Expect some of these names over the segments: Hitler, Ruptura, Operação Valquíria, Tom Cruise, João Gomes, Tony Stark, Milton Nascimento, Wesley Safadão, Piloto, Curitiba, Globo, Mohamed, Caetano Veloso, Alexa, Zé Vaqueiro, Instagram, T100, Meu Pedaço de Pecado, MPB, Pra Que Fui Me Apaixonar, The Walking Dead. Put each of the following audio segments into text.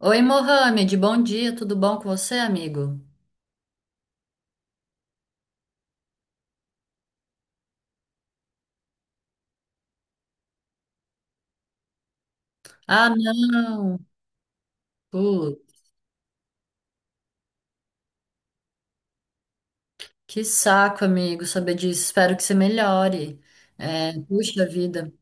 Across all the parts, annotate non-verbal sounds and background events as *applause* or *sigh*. Oi, Mohamed, bom dia, tudo bom com você, amigo? Ah, não. Pô, que saco, amigo, saber disso, espero que você melhore. É, puxa vida,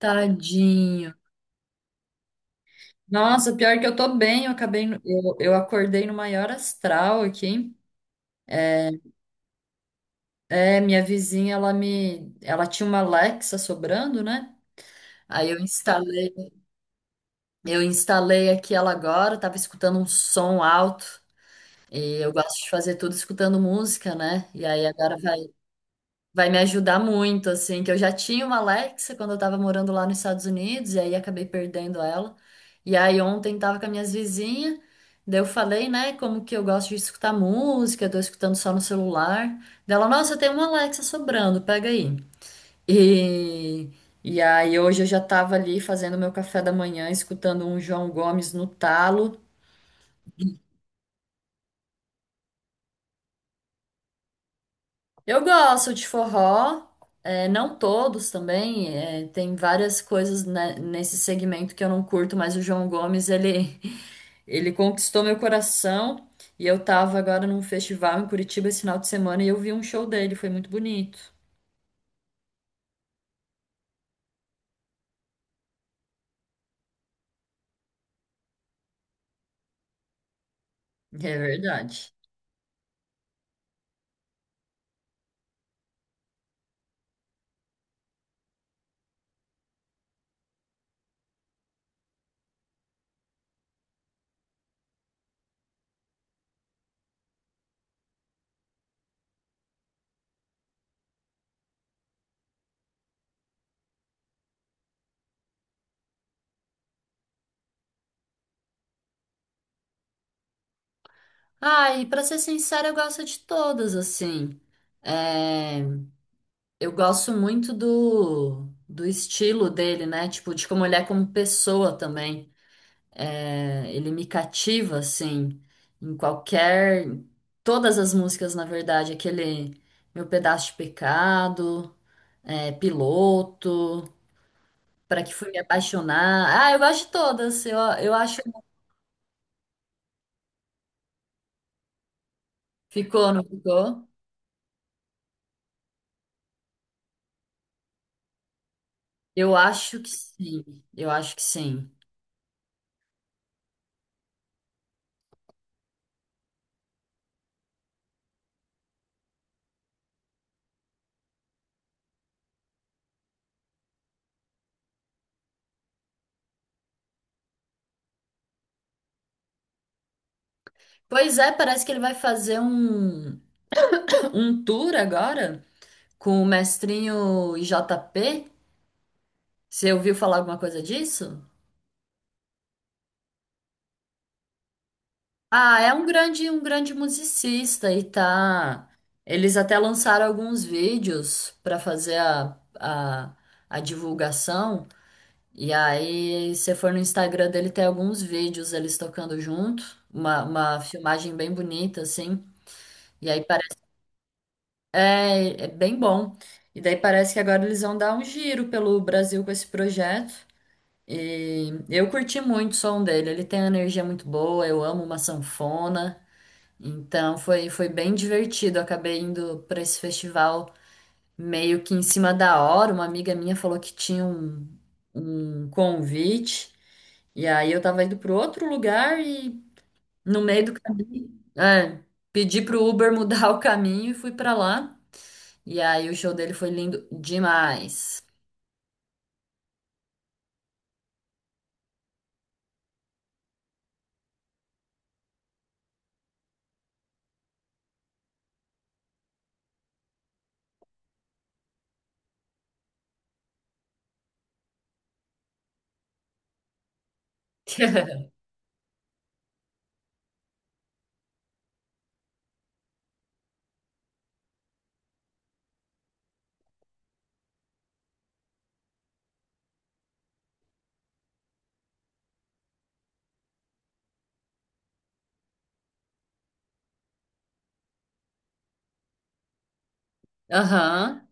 tadinho. Nossa, pior que eu tô bem, eu acabei, eu acordei no maior astral aqui. É, minha vizinha, ela tinha uma Alexa sobrando, né? Aí eu instalei aqui ela agora, tava escutando um som alto. E eu gosto de fazer tudo escutando música, né? E aí agora vai me ajudar muito, assim, que eu já tinha uma Alexa quando eu tava morando lá nos Estados Unidos, e aí acabei perdendo ela. E aí ontem tava com as minhas vizinhas, daí eu falei, né, como que eu gosto de escutar música, tô escutando só no celular. Daí ela, nossa, tem uma Alexa sobrando, pega aí. E, e aí hoje eu já tava ali fazendo meu café da manhã, escutando um João Gomes no talo. Eu gosto de forró, é, não todos também, é, tem várias coisas né, nesse segmento que eu não curto, mas o João Gomes, ele, *laughs* ele conquistou meu coração e eu tava agora num festival em Curitiba esse final de semana e eu vi um show dele, foi muito bonito. É verdade. Ah, e pra ser sincera, eu gosto de todas, assim. É, eu gosto muito do estilo dele, né? Tipo, de como ele é como pessoa também. É, ele me cativa, assim, em qualquer. Todas as músicas, na verdade, aquele Meu Pedaço de Pecado, é, Piloto, Pra Que Fui Me Apaixonar. Ah, eu gosto de todas. Eu acho. Ficou, não ficou? Eu acho que sim. Eu acho que sim. Pois é, parece que ele vai fazer um, *clears throat* um tour agora com o mestrinho e J JP. Você ouviu falar alguma coisa disso? Ah, é um grande musicista e tá. Eles até lançaram alguns vídeos para fazer a divulgação. E aí, se você for no Instagram dele, tem alguns vídeos eles tocando junto. Uma filmagem bem bonita, assim. E aí parece. É, é bem bom. E daí parece que agora eles vão dar um giro pelo Brasil com esse projeto. E eu curti muito o som dele. Ele tem uma energia muito boa. Eu amo uma sanfona. Então foi, foi bem divertido. Acabei indo para esse festival meio que em cima da hora. Uma amiga minha falou que tinha um, um convite, e aí eu tava indo para outro lugar e no meio do caminho, é, pedi pro Uber mudar *laughs* o caminho e fui para lá. E aí o show dele foi lindo demais. *laughs* Aham.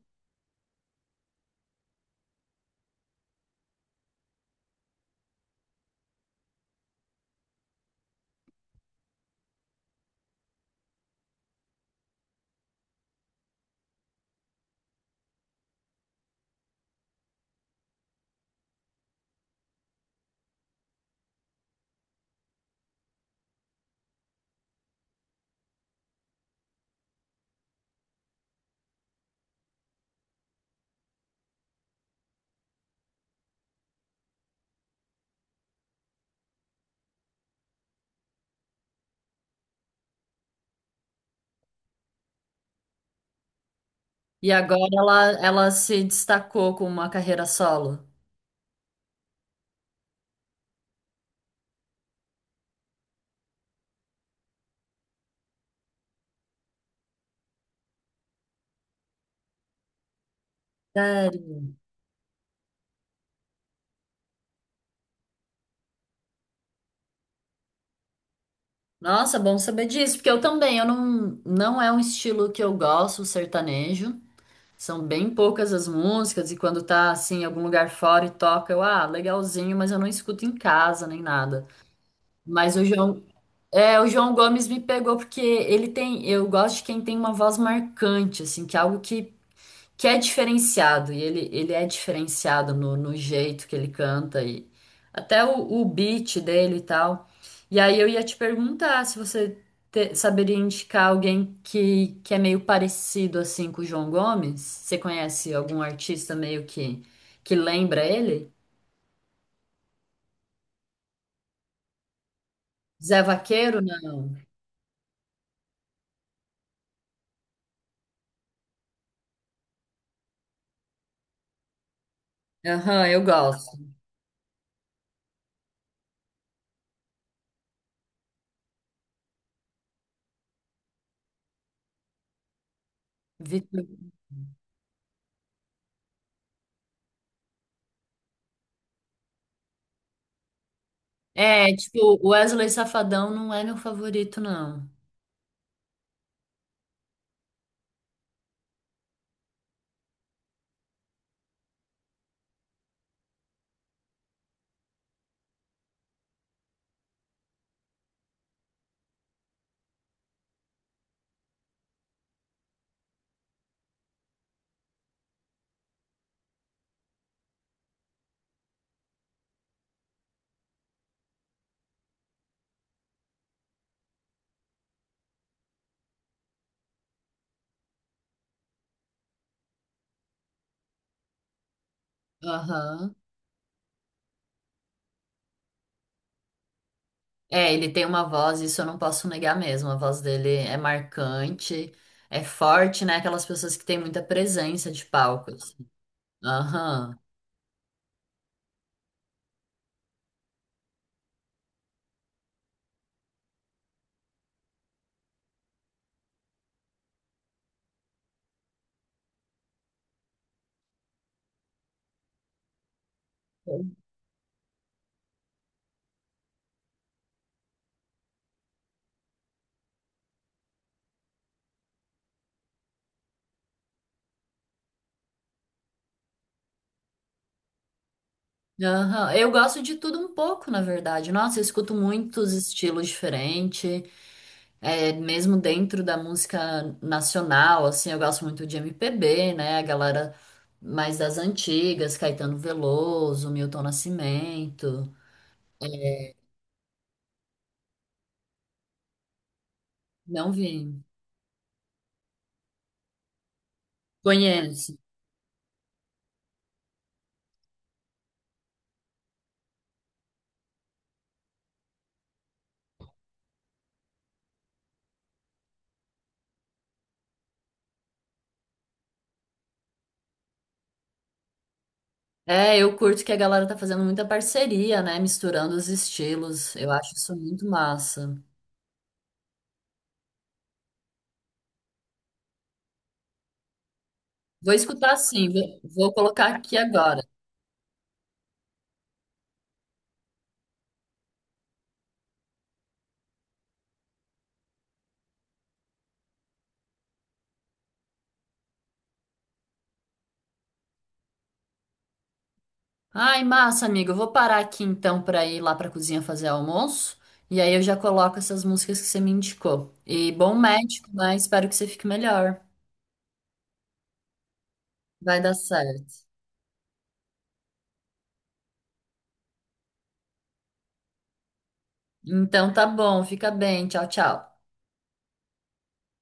E agora ela, ela se destacou com uma carreira solo. Sério? Nossa, bom saber disso, porque eu também, eu não, não é um estilo que eu gosto, o sertanejo. São bem poucas as músicas, e quando tá assim, em algum lugar fora e toca, eu, ah, legalzinho, mas eu não escuto em casa nem nada. Mas o João, é, o João Gomes me pegou porque ele tem, eu gosto de quem tem uma voz marcante, assim, que é algo que é diferenciado, e ele é diferenciado no jeito que ele canta, e até o beat dele e tal. E aí eu ia te perguntar se você saberia indicar alguém que é meio parecido assim com o João Gomes. Você conhece algum artista meio que lembra ele? Zé Vaqueiro? Não. Aham, eu gosto. Vitor- É, tipo, o Wesley Safadão não é meu favorito, não. Aham. É, ele tem uma voz, isso eu não posso negar mesmo. A voz dele é marcante, é forte, né? Aquelas pessoas que têm muita presença de palco. Assim. Aham. Aham. Eu gosto de tudo um pouco, na verdade. Nossa, eu escuto muitos estilos diferentes, é, mesmo dentro da música nacional, assim, eu gosto muito de MPB, né? A galera mais das antigas, Caetano Veloso, Milton Nascimento. Não vi. Conheço. É, eu curto que a galera tá fazendo muita parceria, né? Misturando os estilos. Eu acho isso muito massa. Vou escutar sim, vou colocar aqui agora. Ai, massa, amigo. Eu vou parar aqui então para ir lá pra cozinha fazer almoço. E aí eu já coloco essas músicas que você me indicou. E bom médico, né? Espero que você fique melhor. Vai dar certo. Então tá bom, fica bem. Tchau, tchau.